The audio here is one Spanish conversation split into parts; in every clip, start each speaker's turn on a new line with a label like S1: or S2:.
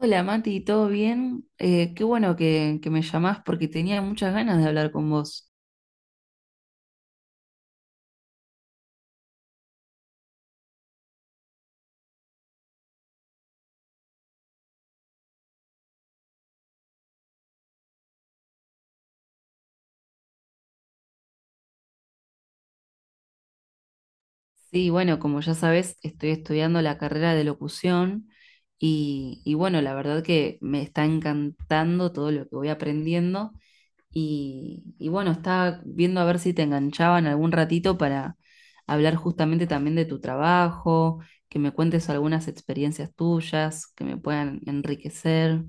S1: Hola Mati, ¿todo bien? Qué bueno que me llamás porque tenía muchas ganas de hablar con vos. Sí, bueno, como ya sabés, estoy estudiando la carrera de locución y bueno, la verdad que me está encantando todo lo que voy aprendiendo y bueno, estaba viendo a ver si te enganchaban algún ratito para hablar justamente también de tu trabajo, que me cuentes algunas experiencias tuyas que me puedan enriquecer.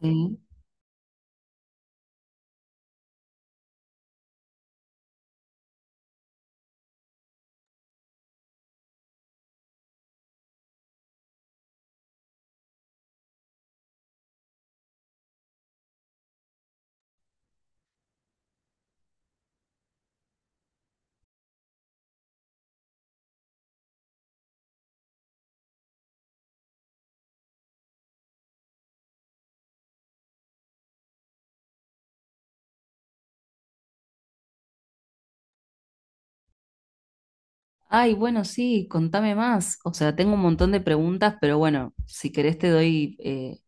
S1: Sí. Ay, bueno, sí, contame más. O sea, tengo un montón de preguntas, pero bueno, si querés te doy eh,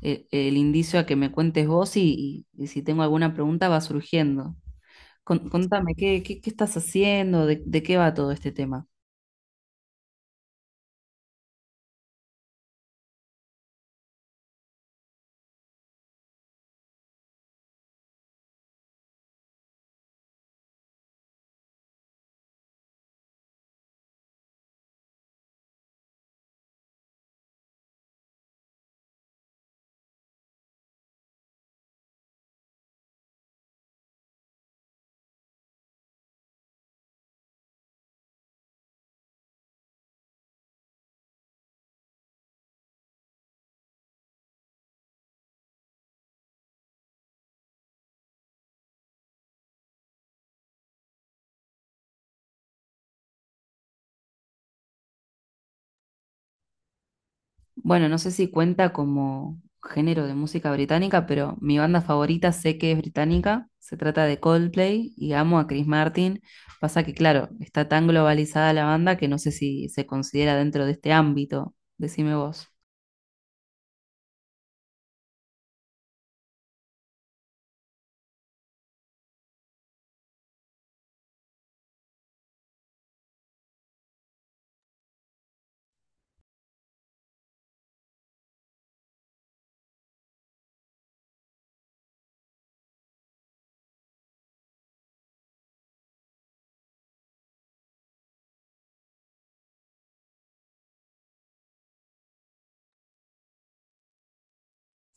S1: eh, el indicio a que me cuentes vos y, y si tengo alguna pregunta va surgiendo. Contame, qué estás haciendo? De qué va todo este tema? Bueno, no sé si cuenta como género de música británica, pero mi banda favorita sé que es británica. Se trata de Coldplay y amo a Chris Martin. Pasa que, claro, está tan globalizada la banda que no sé si se considera dentro de este ámbito. Decime vos.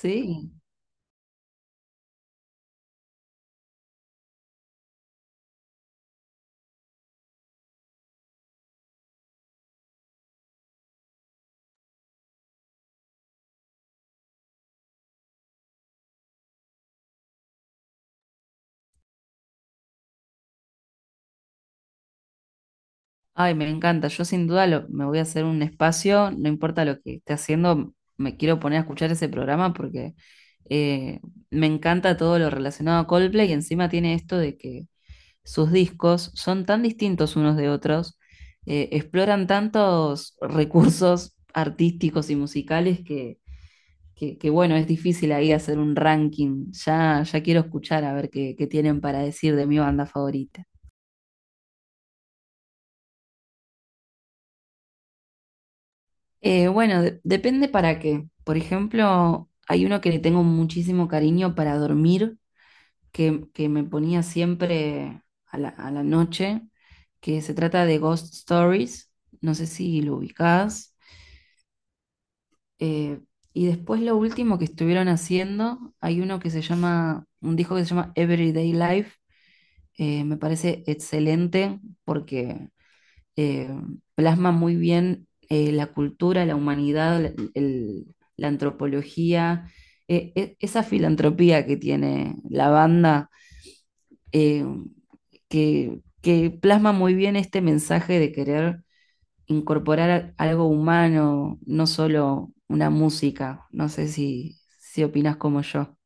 S1: Sí, ay, me encanta. Yo sin duda me voy a hacer un espacio, no importa lo que esté haciendo, me quiero poner a escuchar ese programa porque eh, me encanta todo lo relacionado a Coldplay y encima tiene esto de que sus discos son tan distintos unos de otros, exploran tantos recursos artísticos y musicales que, bueno, es difícil ahí hacer un ranking. Ya, ya quiero escuchar a ver qué tienen para decir de mi banda favorita. Depende para qué. Por ejemplo, hay uno que le tengo muchísimo cariño para dormir, que me ponía siempre a la noche, que se trata de Ghost Stories. No sé si lo ubicás. Eh, y después lo último que estuvieron haciendo, hay uno que se llama, un disco que se llama Everyday Life. Me parece excelente porque eh, plasma muy bien la cultura, la humanidad, la antropología, esa filantropía que tiene la banda, eh, que plasma muy bien este mensaje de querer incorporar algo humano, no solo una música. No sé si opinas como yo.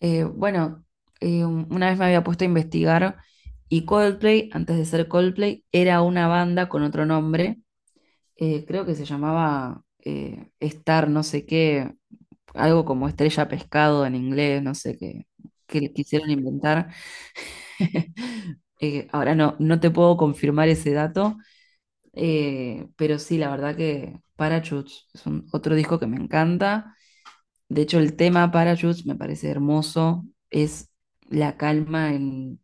S1: Eh, bueno, una vez me había puesto a investigar. Y Coldplay, antes de ser Coldplay, era una banda con otro nombre, creo que se llamaba Star, no sé qué, algo como estrella pescado en inglés, no sé qué, que le quisieron inventar. Ahora no te puedo confirmar ese dato, pero sí, la verdad que Parachutes es otro disco que me encanta. De hecho, el tema Parachutes me parece hermoso, es la calma en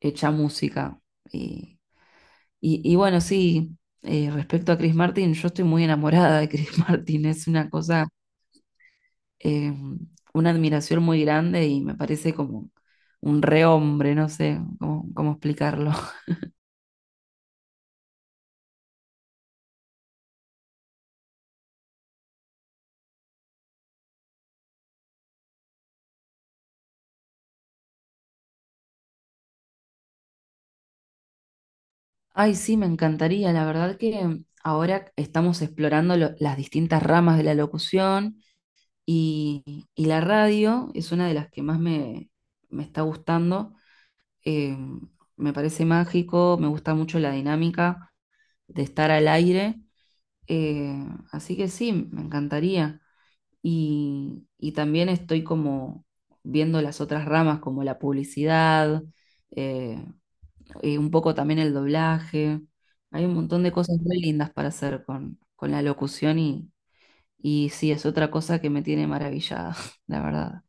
S1: hecha música. Y y bueno, sí, respecto a Chris Martin, yo estoy muy enamorada de Chris Martin, es una cosa, eh, una admiración muy grande y me parece como un rehombre, no sé cómo explicarlo. Ay, sí, me encantaría, la verdad que ahora estamos explorando las distintas ramas de la locución y la radio es una de las que más me está gustando. Eh, Me parece mágico, me gusta mucho la dinámica de estar al aire. Eh, Así que sí, me encantaría. Y también estoy como viendo las otras ramas, como la publicidad, eh, y un poco también el doblaje. Hay un montón de cosas muy lindas para hacer con la locución y sí, es otra cosa que me tiene maravillada, la verdad.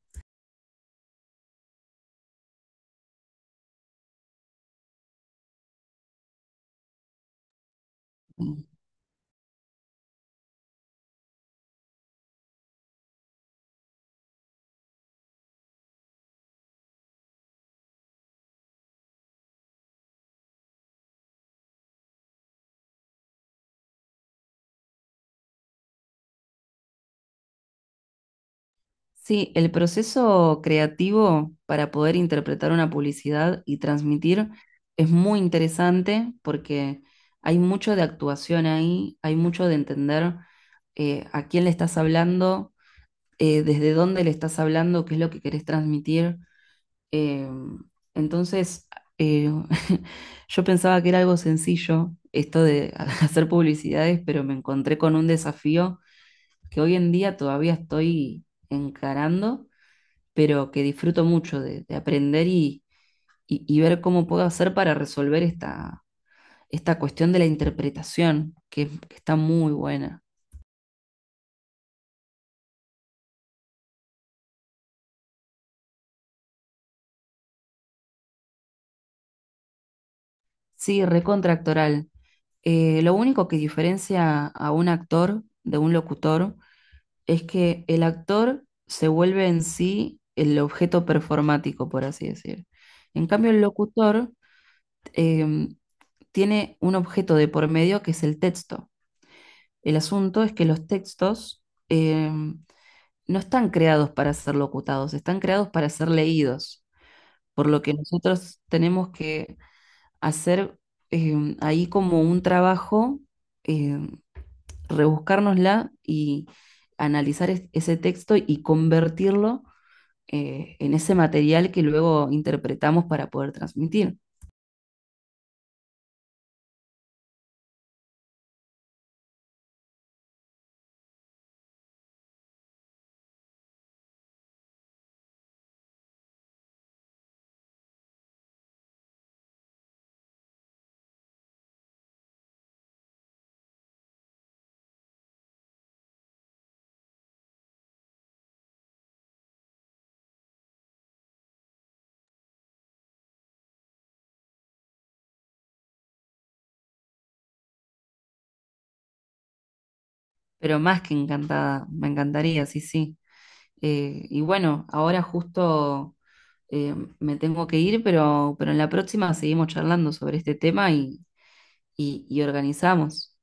S1: Sí, el proceso creativo para poder interpretar una publicidad y transmitir es muy interesante porque hay mucho de actuación ahí, hay mucho de entender a quién le estás hablando, desde dónde le estás hablando, qué es lo que querés transmitir. Eh, entonces, eh, yo pensaba que era algo sencillo esto de hacer publicidades, pero me encontré con un desafío que hoy en día todavía estoy encarando, pero que disfruto mucho de aprender y, y ver cómo puedo hacer para resolver esta cuestión de la interpretación, que está muy buena. Sí, recontractoral. Lo único que diferencia a un actor de un locutor es que el actor se vuelve en sí el objeto performático, por así decir. En cambio, el locutor em, tiene un objeto de por medio que es el texto. El asunto es que los textos, eh, no están creados para ser locutados, están creados para ser leídos, por lo que nosotros tenemos que hacer ahí como un trabajo, eh, rebuscárnosla y analizar ese texto y convertirlo en ese material que luego interpretamos para poder transmitir. Pero más que encantada, me encantaría, sí, sí. Y bueno, ahora justo eh, me tengo que ir, pero en la próxima seguimos charlando sobre este tema y, y organizamos.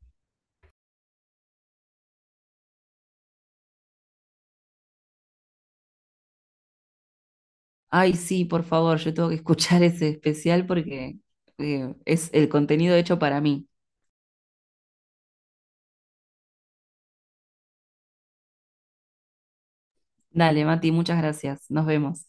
S1: Ay, sí, por favor, yo tengo que escuchar ese especial porque es el contenido hecho para mí. Dale, Mati, muchas gracias. Nos vemos.